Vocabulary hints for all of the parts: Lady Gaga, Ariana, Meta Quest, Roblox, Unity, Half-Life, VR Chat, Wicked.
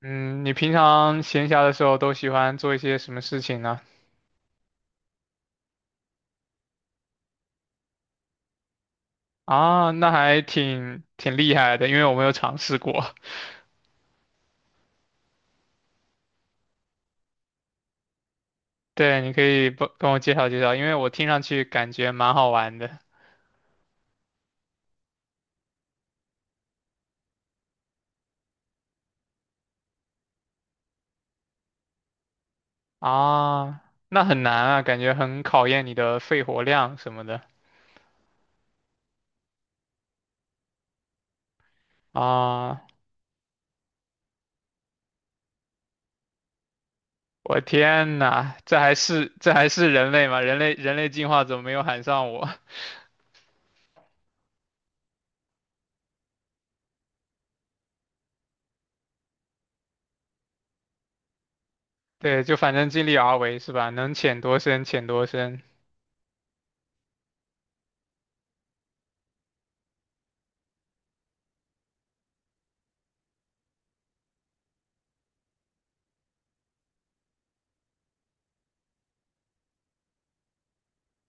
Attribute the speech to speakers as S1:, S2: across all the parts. S1: 嗯，你平常闲暇的时候都喜欢做一些什么事情呢？啊，那还挺厉害的，因为我没有尝试过。对，你可以不跟我介绍介绍，因为我听上去感觉蛮好玩的。啊，那很难啊，感觉很考验你的肺活量什么的。啊，我天呐，这还是人类吗？人类进化怎么没有喊上我？对，就反正尽力而为是吧？能潜多深潜多深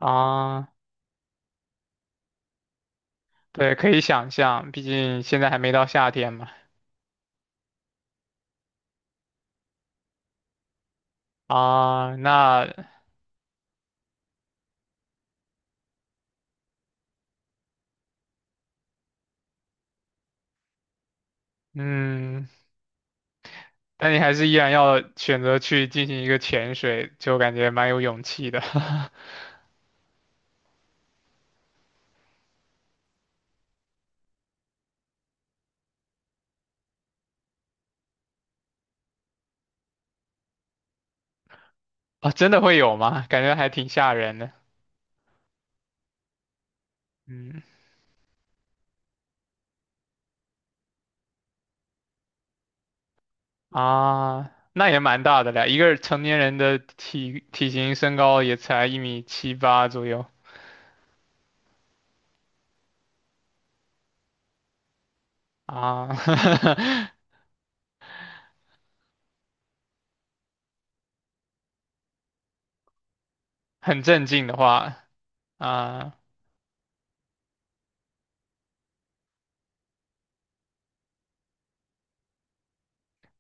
S1: 啊。对，可以想象，毕竟现在还没到夏天嘛。啊，嗯，但你还是依然要选择去进行一个潜水，就感觉蛮有勇气的。啊，真的会有吗？感觉还挺吓人的。嗯，啊，那也蛮大的了，一个成年人的体型身高也才一米七八左右啊，很镇静的话啊。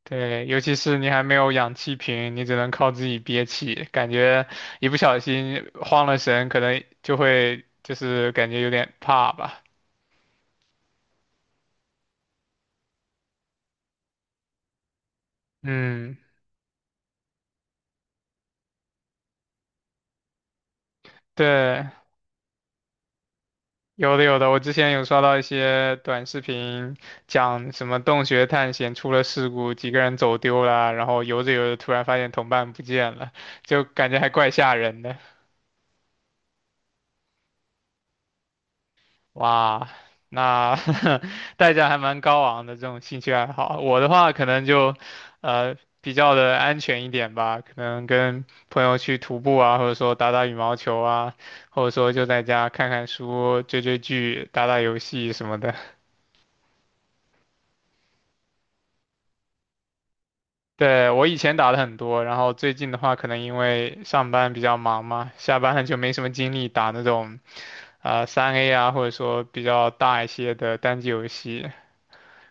S1: 对，尤其是你还没有氧气瓶，你只能靠自己憋气，感觉一不小心慌了神，可能就会就是感觉有点怕吧。嗯，对，有的有的，我之前有刷到一些短视频，讲什么洞穴探险出了事故，几个人走丢了，然后游着游着突然发现同伴不见了，就感觉还怪吓人的。哇，那 代价还蛮高昂的这种兴趣爱好。我的话可能就，比较的安全一点吧，可能跟朋友去徒步啊，或者说打打羽毛球啊，或者说就在家看看书、追追剧、打打游戏什么的。对，我以前打的很多，然后最近的话，可能因为上班比较忙嘛，下班了就没什么精力打那种三 A 啊，或者说比较大一些的单机游戏，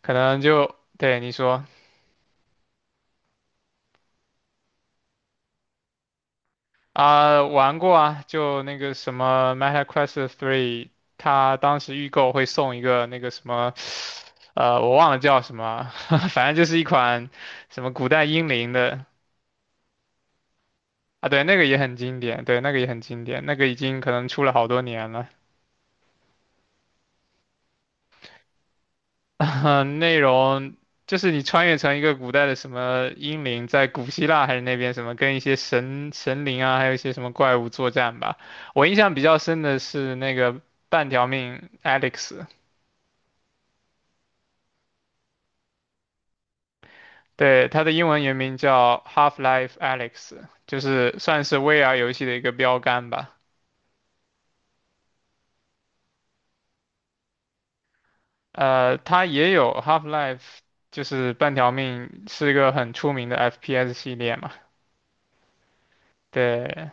S1: 可能就，对，你说。啊，玩过啊，就那个什么《Meta Quest e 它当时预购会送一个那个什么，我忘了叫什么啊，反正就是一款什么古代英灵的啊，对，那个也很经典，对，那个也很经典，那个已经可能出了好多年了。内容就是你穿越成一个古代的什么英灵，在古希腊还是那边什么，跟一些神灵啊，还有一些什么怪物作战吧。我印象比较深的是那个半条命 Alex。对，它的英文原名叫 Half-Life a l e x 就是算是 VR 游戏的一个标杆吧。它也有 Half-Life，就是半条命，是一个很出名的 FPS 系列嘛。对，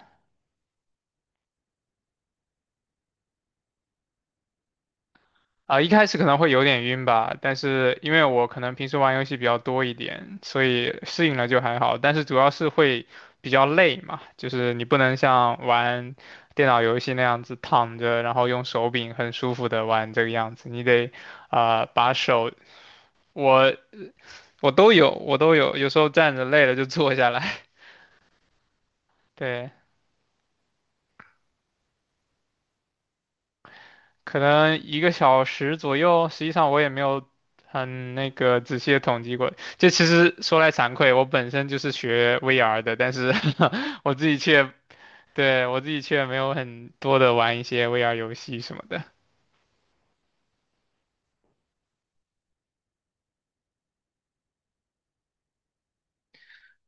S1: 啊、一开始可能会有点晕吧，但是因为我可能平时玩游戏比较多一点，所以适应了就还好。但是主要是会比较累嘛，就是你不能像玩电脑游戏那样子躺着，然后用手柄很舒服的玩这个样子，你得啊、把手，我我都有，我都有，有时候站着累了就坐下来，对。可能一个小时左右，实际上我也没有很那个仔细的统计过。这其实说来惭愧，我本身就是学 VR 的，但是 我自己却，对，我自己却没有很多的玩一些 VR 游戏什么的。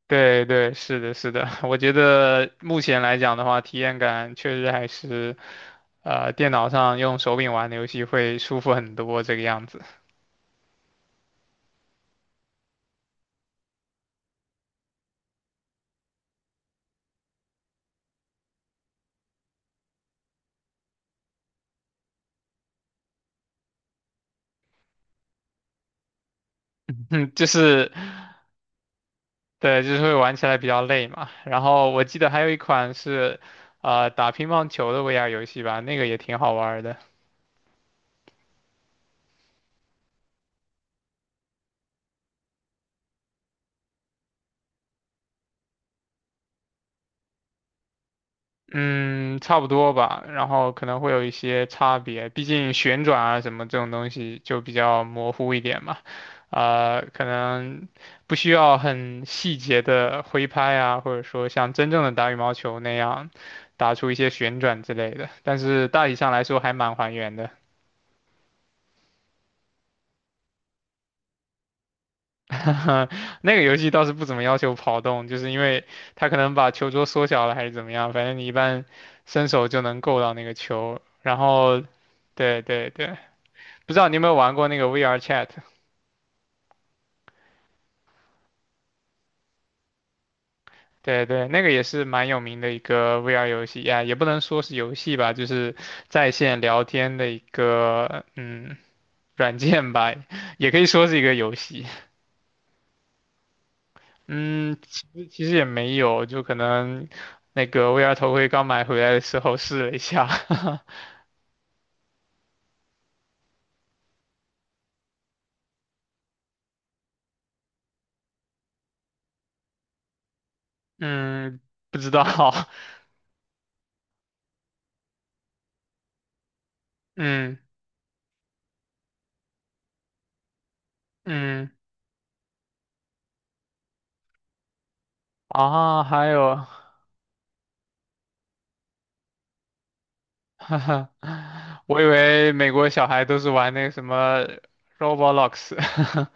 S1: 对对，是的，是的，我觉得目前来讲的话，体验感确实还是电脑上用手柄玩的游戏会舒服很多这个样子。嗯，就是对，就是会玩起来比较累嘛。然后我记得还有一款是，打乒乓球的 VR 游戏吧，那个也挺好玩儿的。嗯，差不多吧。然后可能会有一些差别，毕竟旋转啊什么这种东西就比较模糊一点嘛。可能不需要很细节的挥拍啊，或者说像真正的打羽毛球那样打出一些旋转之类的。但是大体上来说还蛮还原的。嗯，那个游戏倒是不怎么要求跑动，就是因为它可能把球桌缩小了还是怎么样，反正你一般伸手就能够到那个球。然后，对对对，不知道你有没有玩过那个 VR Chat？对对，那个也是蛮有名的一个 VR 游戏呀，也不能说是游戏吧，就是在线聊天的一个软件吧，也可以说是一个游戏。嗯，其实也没有，就可能那个 VR 头盔刚买回来的时候试了一下。嗯，不知道，嗯嗯啊，还有，哈哈，我以为美国小孩都是玩那个什么 Roblox，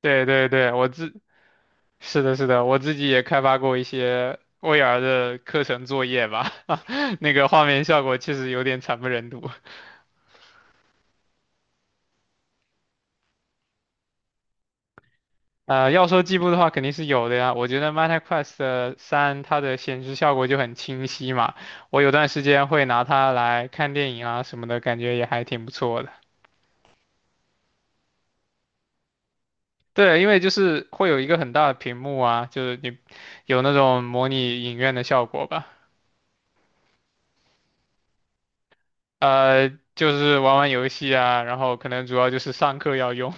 S1: 对对对，是的是的，我自己也开发过一些 VR 的课程作业吧，那个画面效果确实有点惨不忍睹。要说进步的话，肯定是有的呀。我觉得 Meta Quest 三它的显示效果就很清晰嘛，我有段时间会拿它来看电影啊什么的，感觉也还挺不错的。对，因为就是会有一个很大的屏幕啊，就是你有那种模拟影院的效果吧。呃，就是玩玩游戏啊，然后可能主要就是上课要用。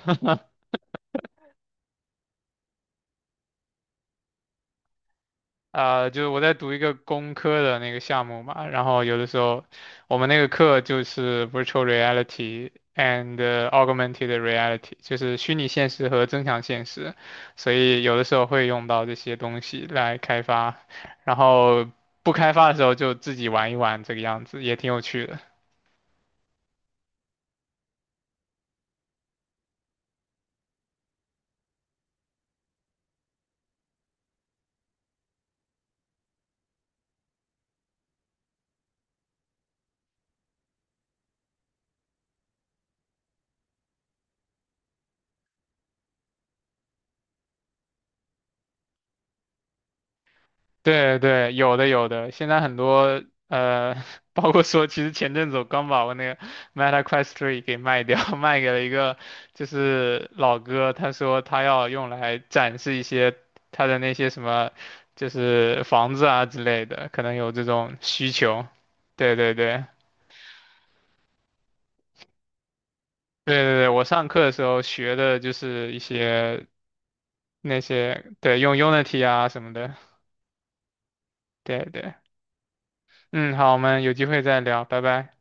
S1: 啊、就是我在读一个工科的那个项目嘛，然后有的时候我们那个课就是 virtual reality and augmented reality，就是虚拟现实和增强现实，所以有的时候会用到这些东西来开发，然后不开发的时候就自己玩一玩这个样子，也挺有趣的。对对，有的有的，现在很多呃，包括说，其实前阵子我刚把我那个 Meta Quest 3给卖掉，卖给了一个就是老哥，他说他要用来展示一些他的那些什么，就是房子啊之类的，可能有这种需求。对对对对对对，我上课的时候学的就是一些那些，对，用 Unity 啊什么的。对对，嗯，好，我们有机会再聊，拜拜。